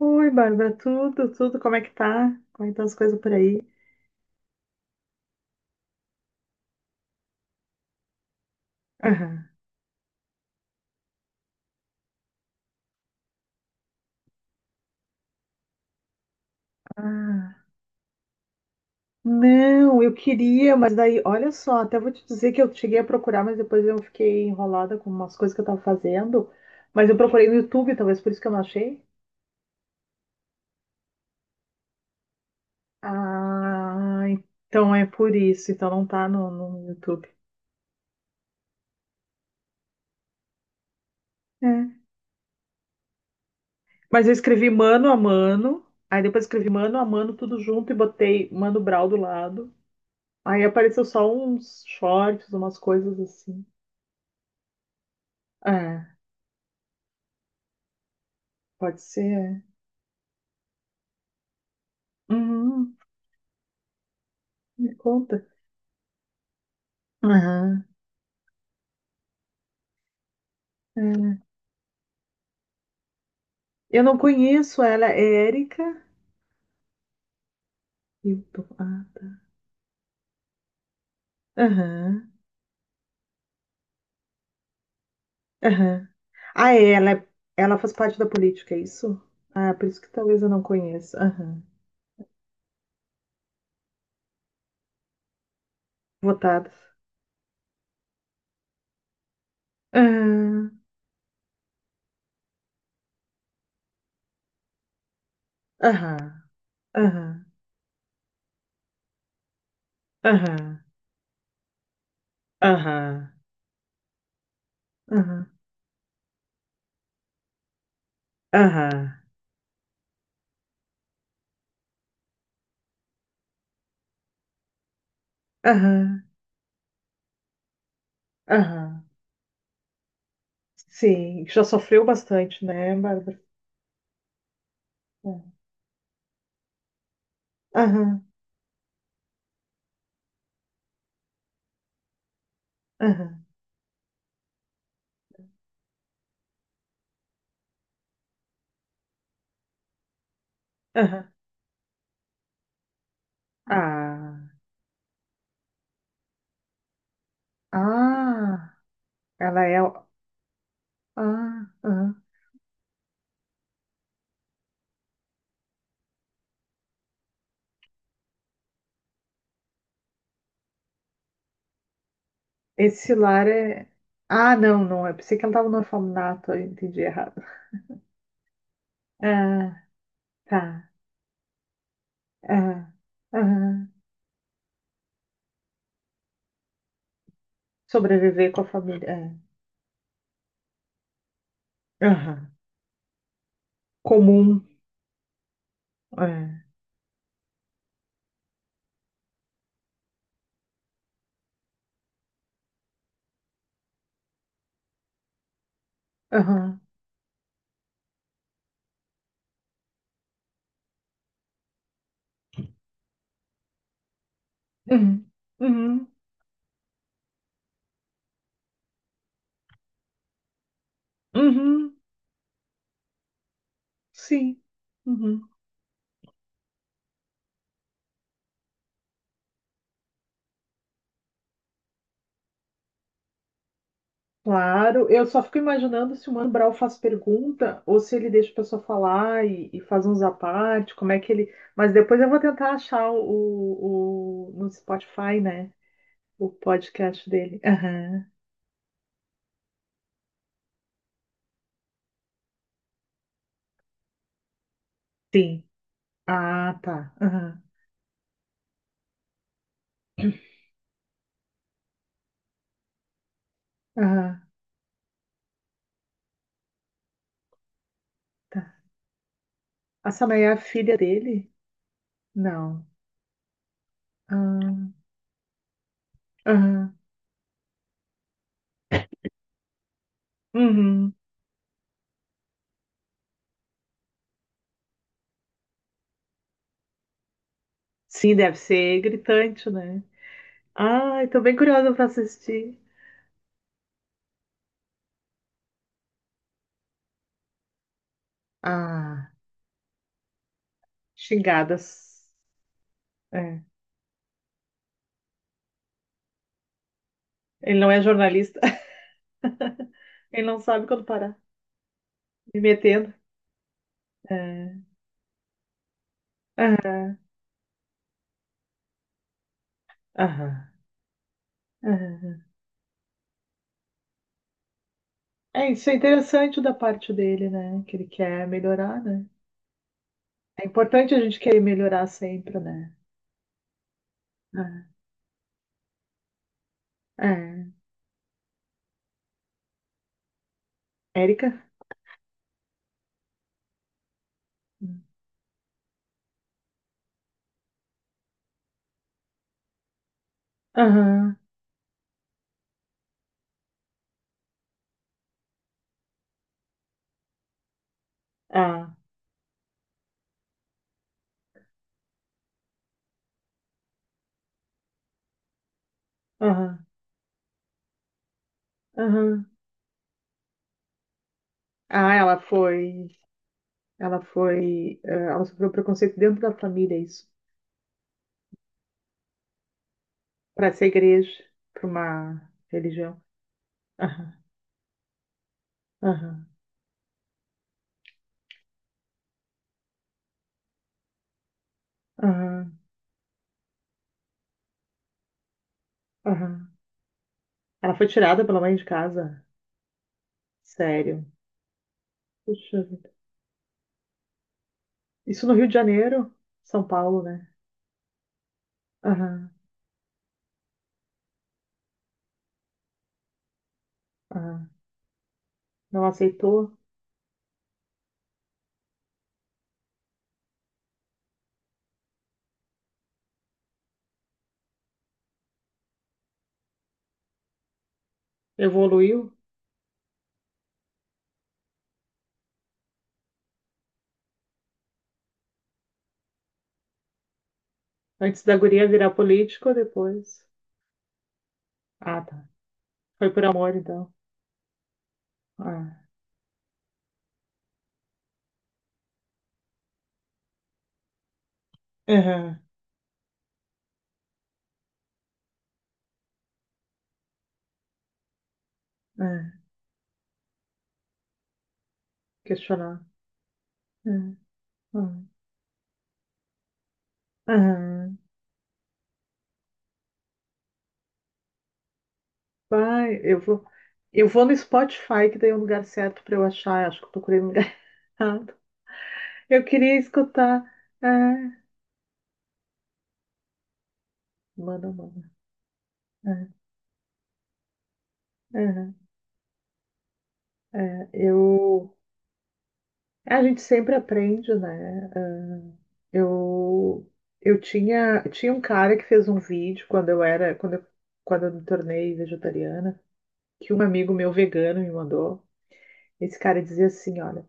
Oi, Bárbara, tudo, tudo, como é que tá? Como é que estão as coisas por aí? Aham. Ah, não, eu queria, mas daí, olha só, até vou te dizer que eu cheguei a procurar, mas depois eu fiquei enrolada com umas coisas que eu tava fazendo, mas eu procurei no YouTube, talvez por isso que eu não achei. Ah, então é por isso, então não tá no YouTube. É. Mas eu escrevi mano a mano, aí depois escrevi mano a mano tudo junto e botei Mano Brown do lado. Aí apareceu só uns shorts, umas coisas assim. É, pode ser. É. Uhum, me conta. Aham. É. Eu não conheço ela, é Érica Hilton. Ah, tá. Aham, aham. Ah, é, ela faz parte da política, é isso? Ah, por isso que talvez eu não conheça. Aham. Votada. Aham, aham, aham, aham, aham, aham, aham, aham, aham. Sim, já sofreu bastante, né, Bárbara? É. Aham, aham, aham. Ah. Ah, ela é. Ah, ah. Esse lar é. Ah, não, não. Eu pensei que ela estava no orfanato, eu entendi errado. Ah, tá. Ah, ah. Sobreviver com a família. É. Aham. Comum. É. Aham. Uhum. Uhum. Uhum. Sim. Uhum. Claro, eu só fico imaginando se o Mano Brown faz pergunta ou se ele deixa a pessoa falar e faz uns à parte, como é que ele. Mas depois eu vou tentar achar o, no Spotify, né? O podcast dele. Aham, Sim. Ah, tá. Aham, Aham, tá. A Samaia é a filha dele? Não. Ah, Aham. Uhum. Sim, deve ser gritante, né? Ai, tô bem curiosa pra assistir. Ah, xingadas. É. Ele não é jornalista. Ele não sabe quando parar. Me metendo. É. Aham. Aham. É, isso é interessante da parte dele, né? Que ele quer melhorar, né? É importante a gente querer melhorar sempre, né? É. É. Érica? Aham. Ah. Aham. Aham. Ah, ela foi. Ela foi. Ela sofreu preconceito dentro da família, isso. Para essa igreja, para uma religião. Aham. Aham. Aham. Aham. Ela foi tirada pela mãe de casa. Sério. Puxa vida. Isso no Rio de Janeiro? São Paulo, né? Aham, aham. Não aceitou? Evoluiu? Antes da guria virar político ou depois? Ah, tá. Foi por amor, então. Ah. Aham, é. Questionar. É. Aham. Aham. Vai, eu vou. Eu vou no Spotify, que daí é o lugar certo pra eu achar. Acho que eu procurei no lugar errado. Eu queria escutar. É. Mano, mano. É. Aham. É. Eu. A gente sempre aprende, né? Ah, Eu, eu tinha um cara que fez um vídeo quando eu era, quando eu me tornei vegetariana, que um amigo meu vegano me mandou. Esse cara dizia assim, olha,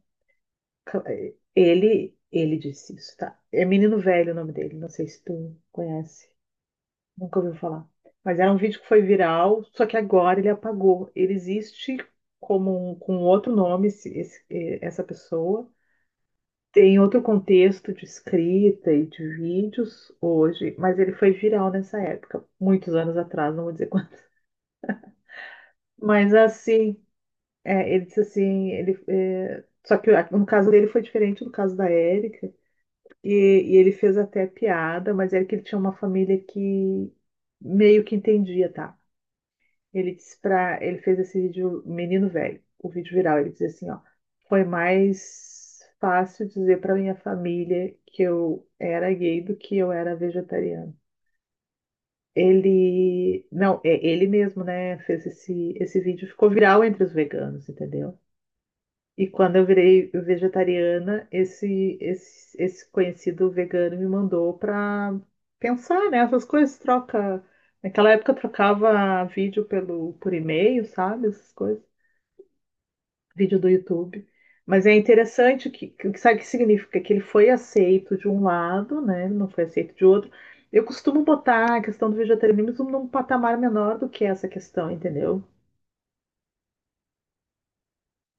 cl- ele disse isso, tá? É Menino Velho o nome dele, não sei se tu conhece, nunca ouviu falar. Mas era um vídeo que foi viral, só que agora ele apagou. Ele existe com outro nome, essa pessoa. Tem outro contexto de escrita e de vídeos hoje, mas ele foi viral nessa época, muitos anos atrás, não vou dizer quando. Mas assim, é, ele disse assim, só que ah, no caso dele foi diferente do caso da Érica, e ele fez até piada, mas era que ele tinha uma família que meio que entendia, tá? Ele disse pra. Ele fez esse vídeo menino velho, o vídeo viral. Ele diz assim, ó, foi mais fácil dizer para minha família que eu era gay do que eu era vegetariano. Ele, não, é ele mesmo, né, fez esse vídeo, ficou viral entre os veganos, entendeu? E quando eu virei vegetariana, esse conhecido vegano me mandou para pensar, né? Essas coisas troca. Naquela época eu trocava vídeo por e-mail, sabe? Essas coisas. Vídeo do YouTube. Mas é interessante que sabe o que significa? Que ele foi aceito de um lado, né? Não foi aceito de outro. Eu costumo botar a questão do vegetarianismo num patamar menor do que essa questão, entendeu?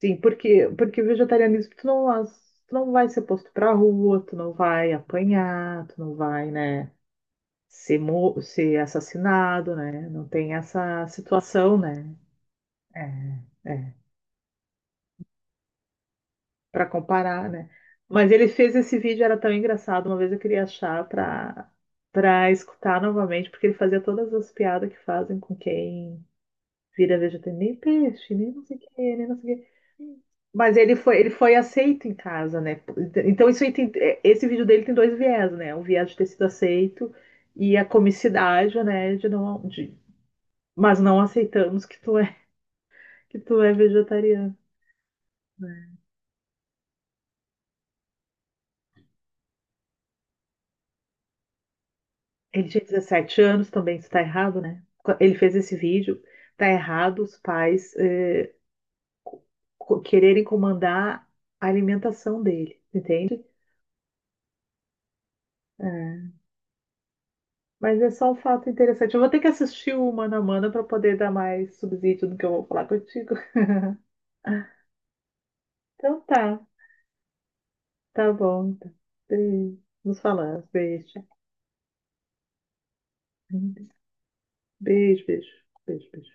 Sim, porque o vegetarianismo, tu não vai ser posto pra rua, tu não vai apanhar, tu não vai, né, ser assassinado, né? Não tem essa situação, né? É, é, para comparar, né? Mas ele fez esse vídeo, era tão engraçado, uma vez eu queria achar pra para escutar novamente, porque ele fazia todas as piadas que fazem com quem vira vegetariano, nem peixe, nem não sei o que, nem não sei o quê. Mas ele foi aceito em casa, né? Então isso aí esse vídeo dele tem dois viés, né? O viés de ter sido aceito e a comicidade, né? De não, de, mas não aceitamos que tu é vegetariano. Ele tinha 17 anos também, isso tá errado, né? Ele fez esse vídeo, tá errado os pais quererem comandar a alimentação dele, entende? É. Mas é só um fato interessante. Eu vou ter que assistir o Mano a Mano para poder dar mais subsídio do que eu vou falar contigo. Ah, então tá, tá bom. Tá. Beijo. Nos falamos. Beijo. Beijo, beijo, beijo, beijo.